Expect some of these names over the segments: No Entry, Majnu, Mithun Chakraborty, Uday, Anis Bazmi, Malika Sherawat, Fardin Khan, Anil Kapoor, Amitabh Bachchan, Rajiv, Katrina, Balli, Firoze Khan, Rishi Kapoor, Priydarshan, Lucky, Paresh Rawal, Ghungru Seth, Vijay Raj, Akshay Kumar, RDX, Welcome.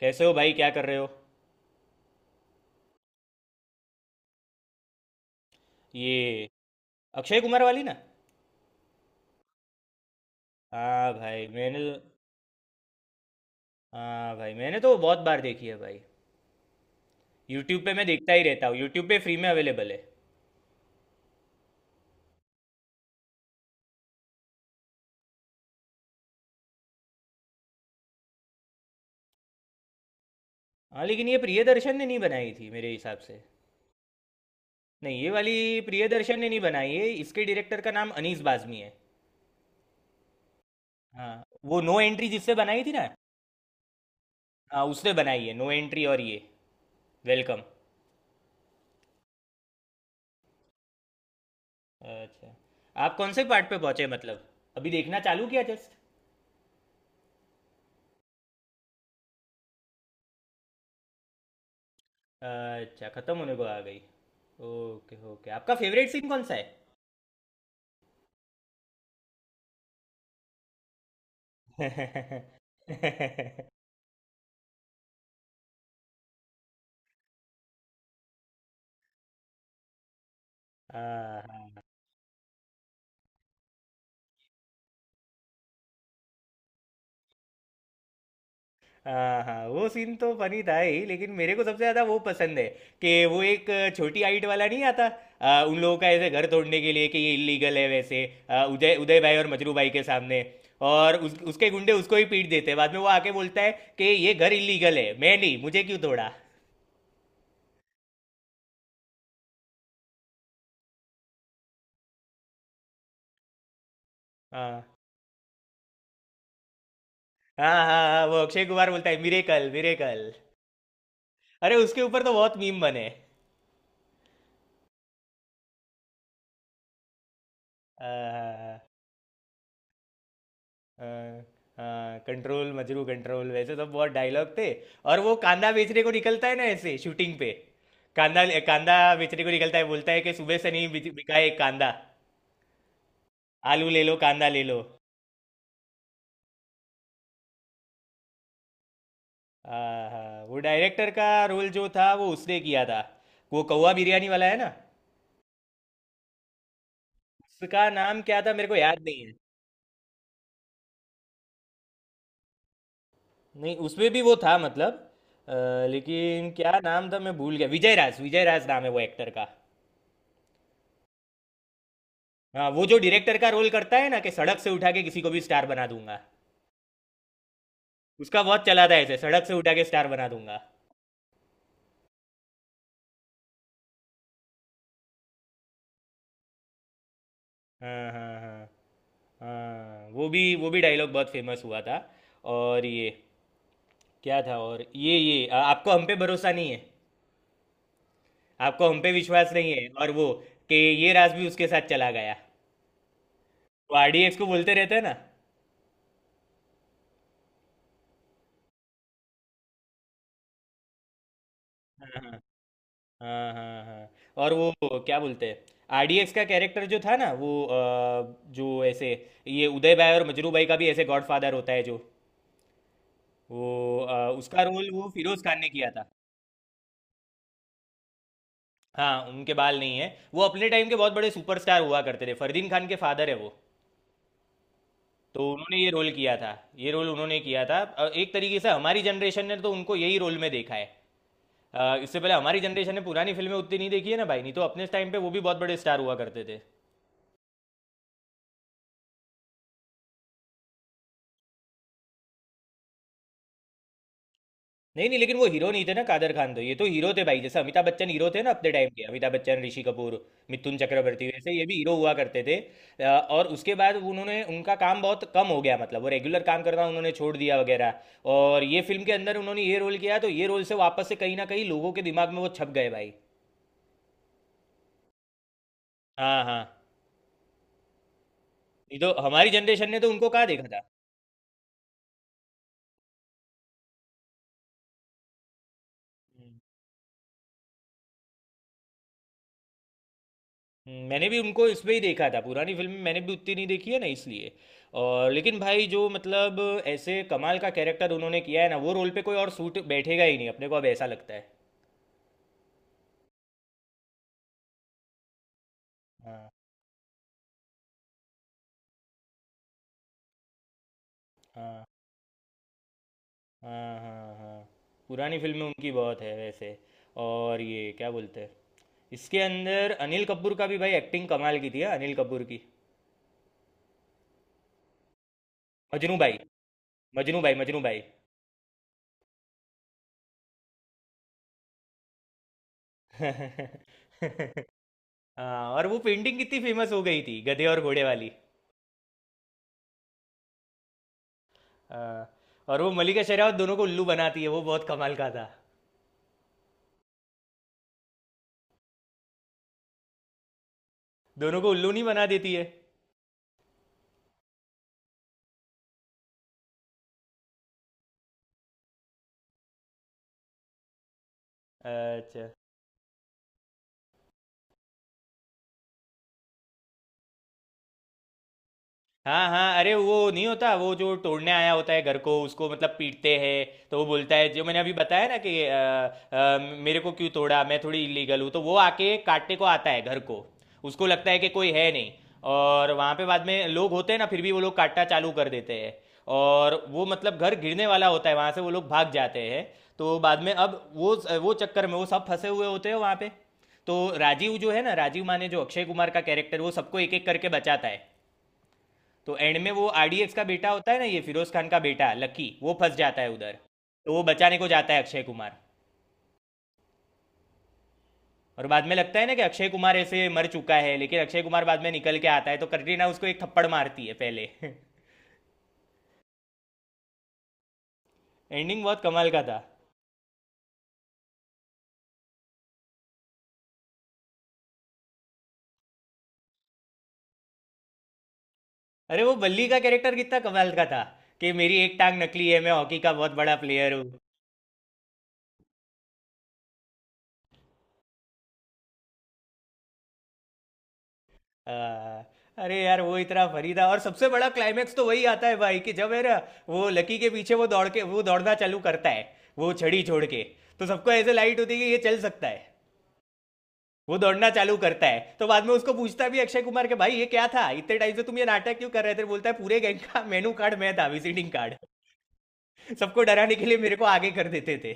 कैसे हो भाई, क्या कर रहे हो? ये अक्षय कुमार वाली ना? हाँ भाई मैंने। हाँ भाई मैंने तो बहुत बार देखी है भाई। यूट्यूब पे मैं देखता ही रहता हूँ, यूट्यूब पे फ्री में अवेलेबल है। हाँ लेकिन ये प्रियदर्शन ने नहीं बनाई थी मेरे हिसाब से। नहीं ये वाली प्रियदर्शन ने नहीं बनाई है, इसके डायरेक्टर का नाम अनीस बाज़मी है। हाँ वो नो एंट्री जिससे बनाई थी ना। हाँ उसने बनाई है नो एंट्री, और ये वेलकम। अच्छा, आप कौन से पार्ट पे पहुंचे मतलब? अभी देखना चालू किया जस्ट? अच्छा, खत्म होने को आ गई। ओके ओके, आपका फेवरेट सीन कौन सा है? हाँ हाँ हाँ हाँ, वो सीन तो फनी था ही लेकिन मेरे को सबसे ज्यादा वो पसंद है कि वो एक छोटी हाइट वाला नहीं आता? उन लोगों का ऐसे घर तोड़ने के लिए कि ये इलीगल है वैसे। आ, उदय उदय भाई और मजरू भाई के सामने। और उसके गुंडे उसको ही पीट देते हैं, बाद में वो आके बोलता है कि ये घर इलीगल है, मैं नहीं, मुझे क्यों तोड़ा? हाँ हाँ हाँ हाँ, वो अक्षय कुमार बोलता है मिरेकल मिरेकल। अरे उसके ऊपर तो बहुत मीम बने। आ, आ, हाँ, कंट्रोल मजरू कंट्रोल, वैसे सब बहुत डायलॉग थे। और वो कांदा बेचने को निकलता है ना ऐसे शूटिंग पे। कांदा कांदा बेचने को निकलता है, बोलता है कि सुबह से नहीं बिका है कांदा। आलू ले लो कांदा ले लो। आहा, वो डायरेक्टर का रोल जो था वो उसने किया था। वो कौवा बिरयानी वाला है ना। उसका नाम क्या था मेरे को याद नहीं है। नहीं उसमें भी वो था मतलब, अ, लेकिन क्या नाम था मैं भूल गया, विजय राज, विजय राज नाम है वो एक्टर का। हाँ वो जो डायरेक्टर का रोल करता है ना कि सड़क से उठा के किसी को भी स्टार बना दूंगा। उसका बहुत चला था ऐसे, सड़क से उठा के स्टार बना दूंगा। हाँ हाँ हाँ हाँ, वो भी डायलॉग बहुत फेमस हुआ था। और ये क्या था? और ये आपको हम पे भरोसा नहीं है, आपको हम पे विश्वास नहीं है, और वो कि ये राज भी उसके साथ चला गया। वो आरडीएक्स को बोलते रहते हैं ना। हाँ हाँ हाँ। और वो क्या बोलते हैं, आरडीएक्स का कैरेक्टर जो था ना वो, जो ऐसे ये उदय भाई और मजरू भाई का भी ऐसे गॉडफादर होता है जो, वो उसका रोल वो फिरोज खान ने किया था। हाँ उनके बाल नहीं है। वो अपने टाइम के बहुत बड़े सुपरस्टार हुआ करते थे, फरदीन खान के फादर है वो। तो उन्होंने ये रोल किया था। ये रोल उन्होंने किया था, एक तरीके से हमारी जनरेशन ने तो उनको यही रोल में देखा है। इससे पहले हमारी जनरेशन ने पुरानी फिल्में उतनी नहीं देखी है ना भाई, नहीं तो अपने टाइम पे वो भी बहुत बड़े स्टार हुआ करते थे। नहीं नहीं लेकिन वो हीरो नहीं थे ना कादर खान, तो ये तो हीरो थे भाई। जैसे अमिताभ बच्चन हीरो थे ना अपने टाइम के, अमिताभ बच्चन, ऋषि कपूर, मिथुन चक्रवर्ती, वैसे ये भी हीरो हुआ करते थे। अ, और उसके बाद उन्होंने, उनका काम बहुत कम हो गया मतलब, वो रेगुलर काम करना उन्होंने छोड़ दिया वगैरह। और ये फिल्म के अंदर उन्होंने ये रोल किया तो ये रोल से वापस से कहीं ना कहीं लोगों के दिमाग में वो छप गए भाई। हाँ हाँ। नहीं तो हमारी जनरेशन ने तो उनको कहाँ देखा था। मैंने भी उनको इसमें ही देखा था, पुरानी फिल्म मैंने भी उतनी नहीं देखी है ना इसलिए। और लेकिन भाई जो मतलब, ऐसे कमाल का कैरेक्टर उन्होंने किया है ना वो, रोल पे कोई और सूट बैठेगा ही नहीं अपने को, अब ऐसा लगता है। हाँ हाँ हाँ हाँ। पुरानी फिल्म में उनकी बहुत है वैसे। और ये क्या बोलते हैं, इसके अंदर अनिल कपूर का भी भाई एक्टिंग कमाल की थी, हाँ, अनिल कपूर की। मजनू भाई, मजनू भाई, मजनू भाई। हाँ, और वो पेंटिंग कितनी फेमस हो गई थी, गधे और घोड़े वाली। हाँ, और वो मलिका शेरावत दोनों को उल्लू बनाती है, वो बहुत कमाल का था। दोनों को उल्लू नहीं बना देती है। अच्छा, हाँ हाँ। अरे वो नहीं होता, वो जो तोड़ने आया होता है घर को उसको मतलब पीटते हैं। तो वो बोलता है जो मैंने अभी बताया ना कि अ, मेरे को क्यों तोड़ा, मैं थोड़ी इलीगल हूँ। तो वो आके काटने को आता है घर को, उसको लगता है कि कोई है नहीं। और वहाँ पे बाद में लोग होते हैं ना, फिर भी वो लोग काटना चालू कर देते हैं। और वो मतलब घर गिरने वाला होता है, वहाँ से वो लोग भाग जाते हैं। तो बाद में अब वो चक्कर में वो सब फंसे हुए होते हैं वहाँ पे। तो राजीव जो है ना, राजीव माने जो अक्षय कुमार का कैरेक्टर, वो सबको एक एक करके बचाता है। तो एंड में वो आरडीएक्स का बेटा होता है ना, ये फिरोज खान का बेटा लकी, वो फंस जाता है उधर, तो वो बचाने को जाता है अक्षय कुमार। और बाद में लगता है ना कि अक्षय कुमार ऐसे मर चुका है, लेकिन अक्षय कुमार बाद में निकल के आता है, तो कटरीना उसको एक थप्पड़ मारती है पहले। एंडिंग बहुत कमाल का था। अरे वो बल्ली का कैरेक्टर कितना कमाल का था, कि मेरी एक टांग नकली है, मैं हॉकी का बहुत बड़ा प्लेयर हूँ। हाँ, अरे यार वो इतना फनी था। और सबसे बड़ा क्लाइमेक्स तो वही आता है भाई कि जब है ना, वो लकी के पीछे वो दौड़ के वो दौड़ना चालू करता है, वो छड़ी छोड़ के। तो सबको ऐसे लाइट होती है कि ये चल सकता है। वो दौड़ना चालू करता है तो बाद में उसको पूछता भी है अक्षय कुमार के, भाई ये क्या था, इतने टाइम से तुम ये नाटक क्यों कर रहे थे? बोलता है पूरे गैंग का मेनू कार्ड मैं था, विजिटिंग कार्ड। सबको डराने के लिए मेरे को आगे कर देते थे।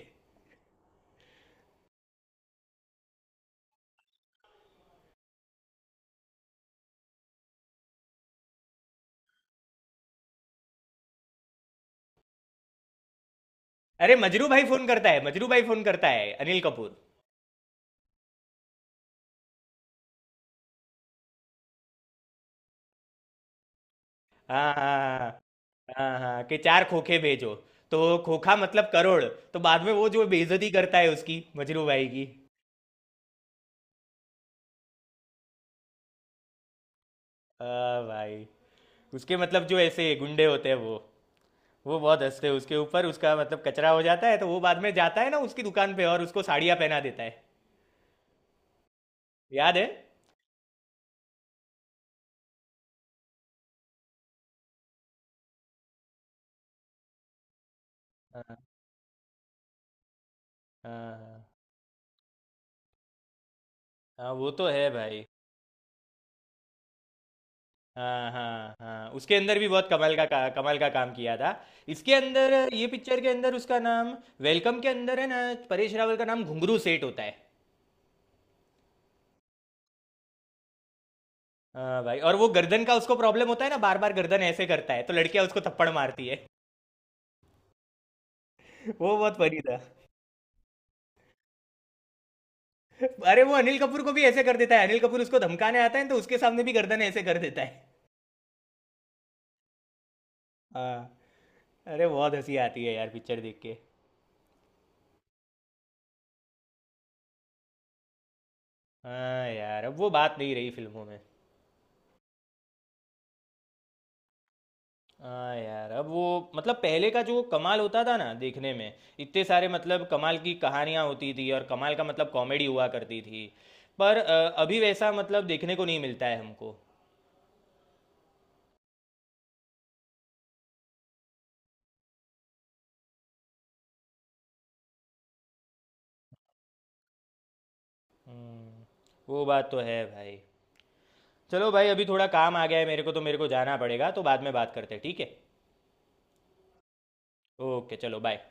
अरे मजरू भाई फोन करता है, मजरू भाई फोन करता है अनिल कपूर। हाँ हाँ हाँ हाँ, कि चार खोखे भेजो। तो खोखा मतलब करोड़। तो बाद में वो जो बेइज्जती करता है उसकी, मजरू भाई की। हाँ भाई, उसके मतलब जो ऐसे गुंडे होते हैं वो बहुत हंसते हैं उसके ऊपर, उसका मतलब कचरा हो जाता है। तो वो बाद में जाता है ना उसकी दुकान पे और उसको साड़ियाँ पहना देता है, याद है? हाँ हाँ हाँ हाँ, वो तो है भाई। हाँ हाँ हाँ, उसके अंदर भी बहुत कमाल का कमाल का काम किया था। इसके अंदर ये पिक्चर के अंदर उसका नाम, वेलकम के अंदर है ना, परेश रावल का नाम घुंगरू सेठ होता है। हाँ भाई, और वो गर्दन का उसको प्रॉब्लम होता है ना, बार बार गर्दन ऐसे करता है तो लड़कियां उसको थप्पड़ मारती है। वो बहुत फनी था। अरे वो अनिल कपूर को भी ऐसे कर देता है, अनिल कपूर उसको धमकाने आता है तो उसके सामने भी गर्दन ऐसे कर देता है। हाँ, अरे बहुत हंसी आती है यार पिक्चर देख के। हाँ यार, अब वो बात नहीं रही फिल्मों में। हाँ यार, अब वो मतलब पहले का जो कमाल होता था ना देखने में, इतने सारे मतलब कमाल की कहानियां होती थी और कमाल का मतलब कॉमेडी हुआ करती थी। पर अभी वैसा मतलब देखने को नहीं मिलता है हमको। वो बात तो है भाई। चलो भाई, अभी थोड़ा काम आ गया है मेरे को तो, मेरे को जाना पड़ेगा, तो बाद में बात करते हैं, ठीक है? ओके चलो बाय।